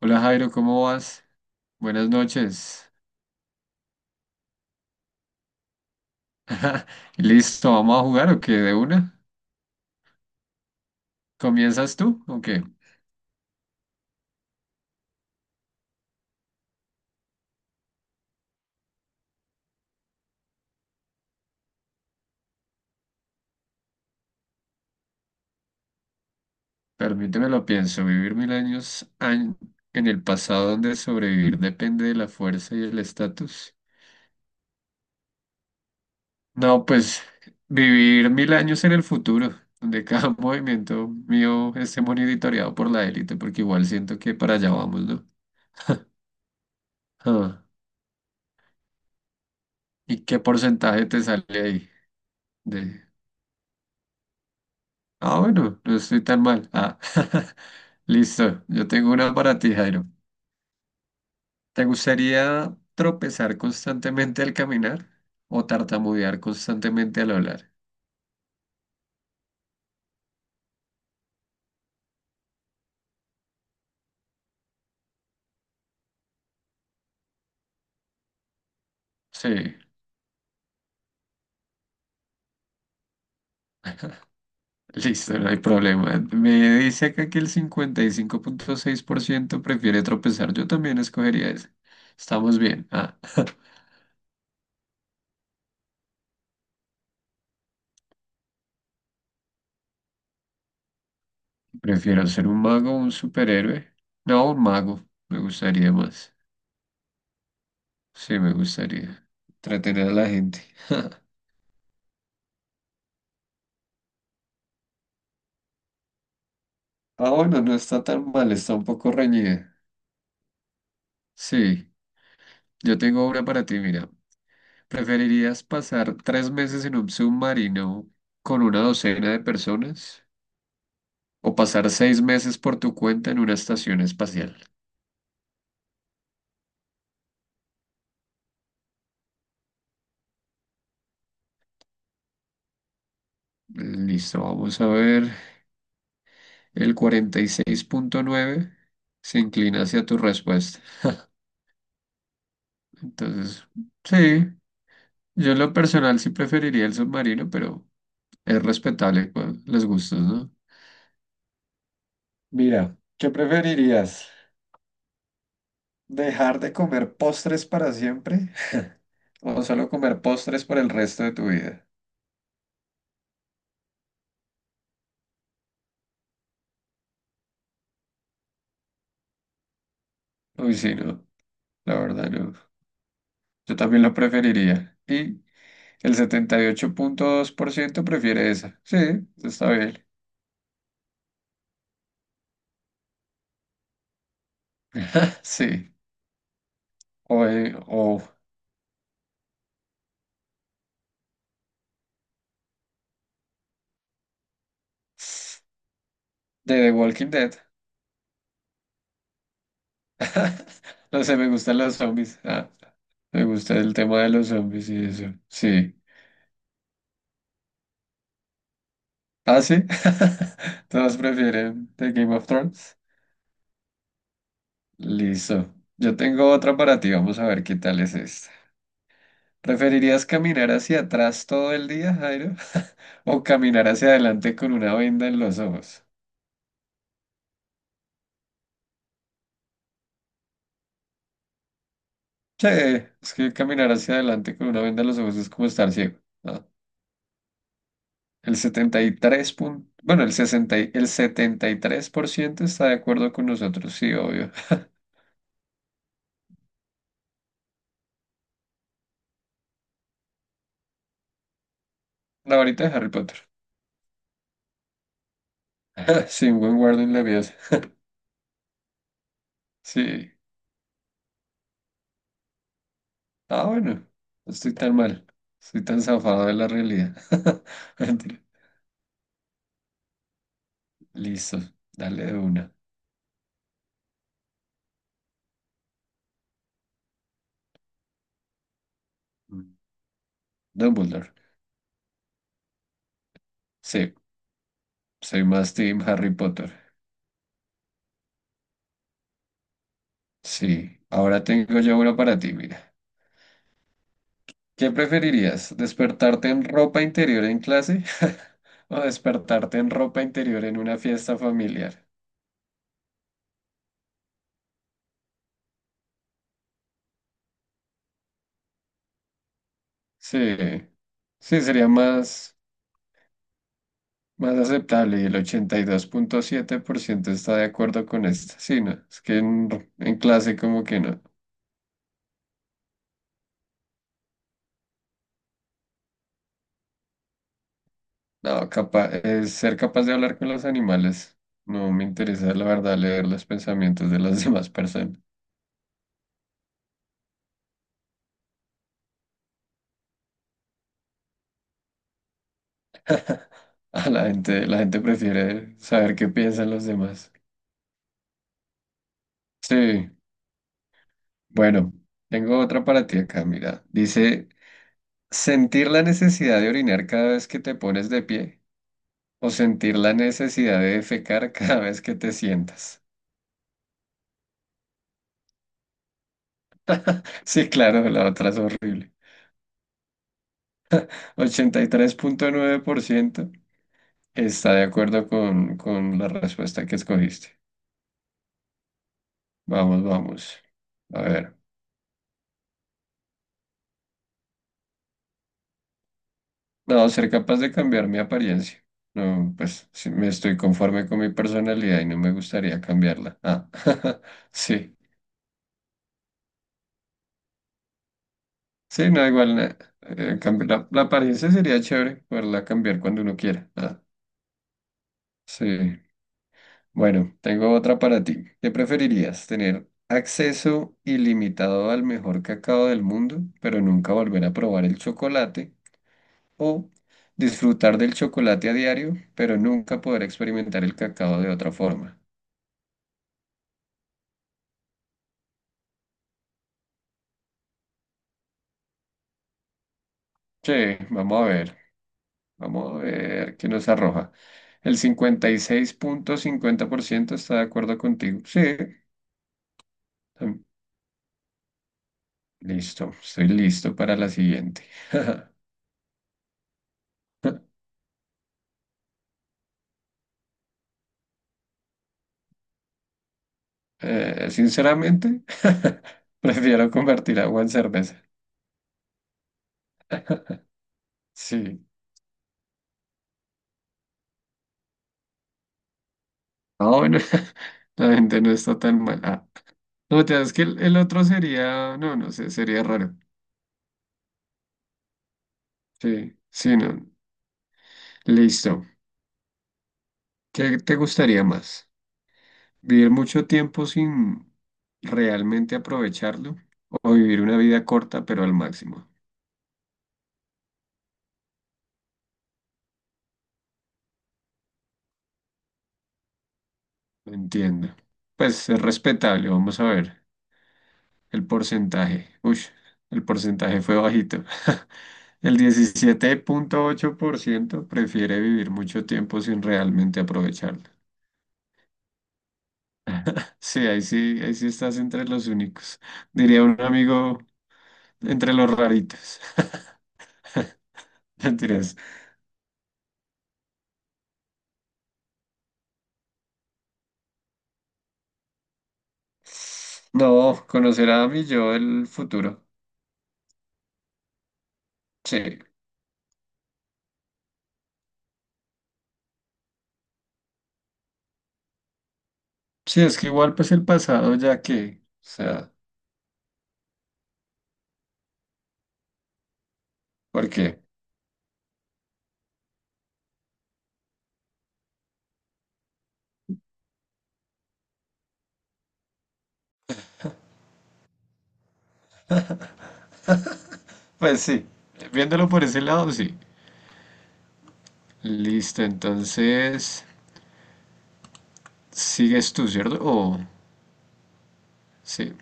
Hola Jairo, ¿cómo vas? Buenas noches. Listo, ¿vamos a jugar o qué? ¿De una? ¿Comienzas tú o qué? Permíteme lo pienso, vivir mil años en el pasado donde sobrevivir depende de la fuerza y el estatus. No, pues vivir mil años en el futuro, donde cada movimiento mío esté monitoreado por la élite, porque igual siento que para allá vamos, ¿no? Ah, ¿y qué porcentaje te sale ahí? De... Ah, bueno, no estoy tan mal. Ah. Listo, yo tengo una para ti, Jairo. ¿Te gustaría tropezar constantemente al caminar o tartamudear constantemente al hablar? Sí, listo, no hay problema. Me dice acá que el 55.6% prefiere tropezar. Yo también escogería ese. Estamos bien. Ah, prefiero ser un mago o un superhéroe. No, un mago. Me gustaría más. Sí, me gustaría. Entretener a la gente. Ah, bueno, no está tan mal, está un poco reñida. Sí. Yo tengo una para ti, mira. ¿Preferirías pasar tres meses en un submarino con una docena de personas o pasar seis meses por tu cuenta en una estación espacial? Listo, vamos a ver. El 46.9 se inclina hacia tu respuesta. Entonces, sí, yo en lo personal sí preferiría el submarino, pero es respetable pues, los gustos, ¿no? Mira, ¿qué preferirías? ¿Dejar de comer postres para siempre? O solo comer postres por el resto de tu vida. Uy, sí, no, la verdad no. Yo también lo preferiría. Y el 78.2% prefiere esa. Sí, está bien. Sí. O de The Walking Dead. No sé, me gustan los zombies. Ah, me gusta el tema de los zombies y eso. Sí. Ah, sí. Todos prefieren The Game of Thrones. Listo. Yo tengo otra para ti. Vamos a ver qué tal es esta. ¿Preferirías caminar hacia atrás todo el día, Jairo? ¿O caminar hacia adelante con una venda en los ojos? Che, es que caminar hacia adelante con una venda en los ojos es como estar ciego, ¿no? El 73 punto, bueno, el el 73 por ciento está de acuerdo con nosotros, sí, obvio. La varita de Harry Potter. Sin buen guardo en la vida. Sí. Ah, bueno, no estoy tan mal. Estoy tan zafado de la realidad. Mentira. Listo, dale de una. Mm. Dumbledore. Sí. Soy más team Harry Potter. Sí, ahora tengo yo uno para ti, mira. ¿Qué preferirías? ¿Despertarte en ropa interior en clase o despertarte en ropa interior en una fiesta familiar? Sí, sí, sería más aceptable y el 82.7% está de acuerdo con esto. Sí, no, es que en clase como que no. No, ser capaz de hablar con los animales. No me interesa, la verdad, leer los pensamientos de las demás personas. La gente prefiere saber qué piensan los demás. Sí, bueno, tengo otra para ti acá, mira. Dice, sentir la necesidad de orinar cada vez que te pones de pie o sentir la necesidad de defecar cada vez que te sientas. Sí, claro, la otra es horrible. 83.9% está de acuerdo con la respuesta que escogiste. Vamos, vamos. A ver. No, ser capaz de cambiar mi apariencia. No, pues sí, me estoy conforme con mi personalidad y no me gustaría cambiarla. Ah, sí. Sí, no, igual la apariencia sería chévere poderla cambiar cuando uno quiera. Ah, sí. Bueno, tengo otra para ti. ¿Qué preferirías? ¿Tener acceso ilimitado al mejor cacao del mundo, pero nunca volver a probar el chocolate? ¿O disfrutar del chocolate a diario, pero nunca poder experimentar el cacao de otra forma? Sí, vamos a ver, vamos a ver qué nos arroja. El 56.50% está de acuerdo contigo. Sí, tam- listo, estoy listo para la siguiente. Sinceramente, prefiero convertir agua en cerveza. Sí. Ah, bueno, la gente no está tan mal. Ah, no, te das que el otro sería, no, no sé, sería raro. Sí, sí, no. Listo. ¿Qué te gustaría más? Vivir mucho tiempo sin realmente aprovecharlo o vivir una vida corta pero al máximo. Entiendo. Pues es respetable, vamos a ver. El porcentaje. Uy, el porcentaje fue bajito. El 17.8% prefiere vivir mucho tiempo sin realmente aprovecharlo. Sí, ahí sí, ahí sí estás entre los únicos. Diría un amigo entre los raritos. Mentiras. No, conocer a mi yo del futuro. Sí. Sí, es que igual pues el pasado ya que, o sea, porque, pues sí, viéndolo por ese lado, sí. Listo, entonces, sigues tú, ¿cierto? O, sí,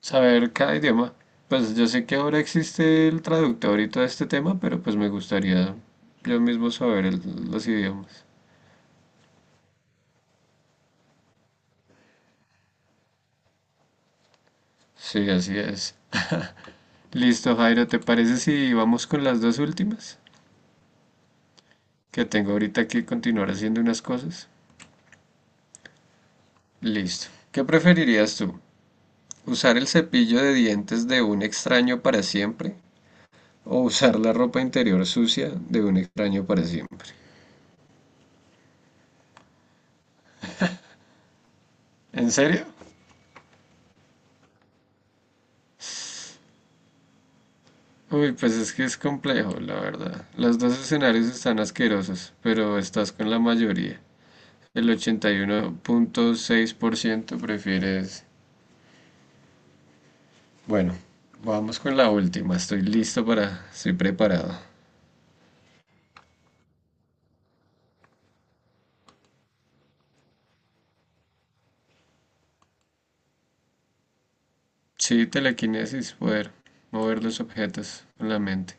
saber cada idioma. Pues yo sé que ahora existe el traductor y todo este tema, pero pues me gustaría yo mismo saber los idiomas. Sí, así es. Listo, Jairo, ¿te parece si vamos con las dos últimas? Que tengo ahorita que continuar haciendo unas cosas. Listo. ¿Qué preferirías tú? ¿Usar el cepillo de dientes de un extraño para siempre? ¿O usar la ropa interior sucia de un extraño para siempre? ¿En serio? Uy, pues es que es complejo, la verdad. Los dos escenarios están asquerosos, pero estás con la mayoría. El 81.6% prefiere ese. Bueno, vamos con la última. Estoy listo para... Estoy preparado. Sí, telequinesis, poder mover los objetos con la mente.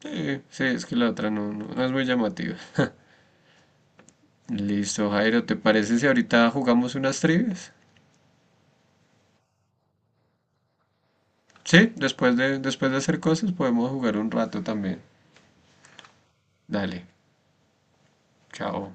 Sí, sí, es que la otra no, no, no es muy llamativa. Listo, Jairo, ¿te parece si ahorita jugamos unas trivias? Sí, después de hacer cosas podemos jugar un rato también. Dale, chao.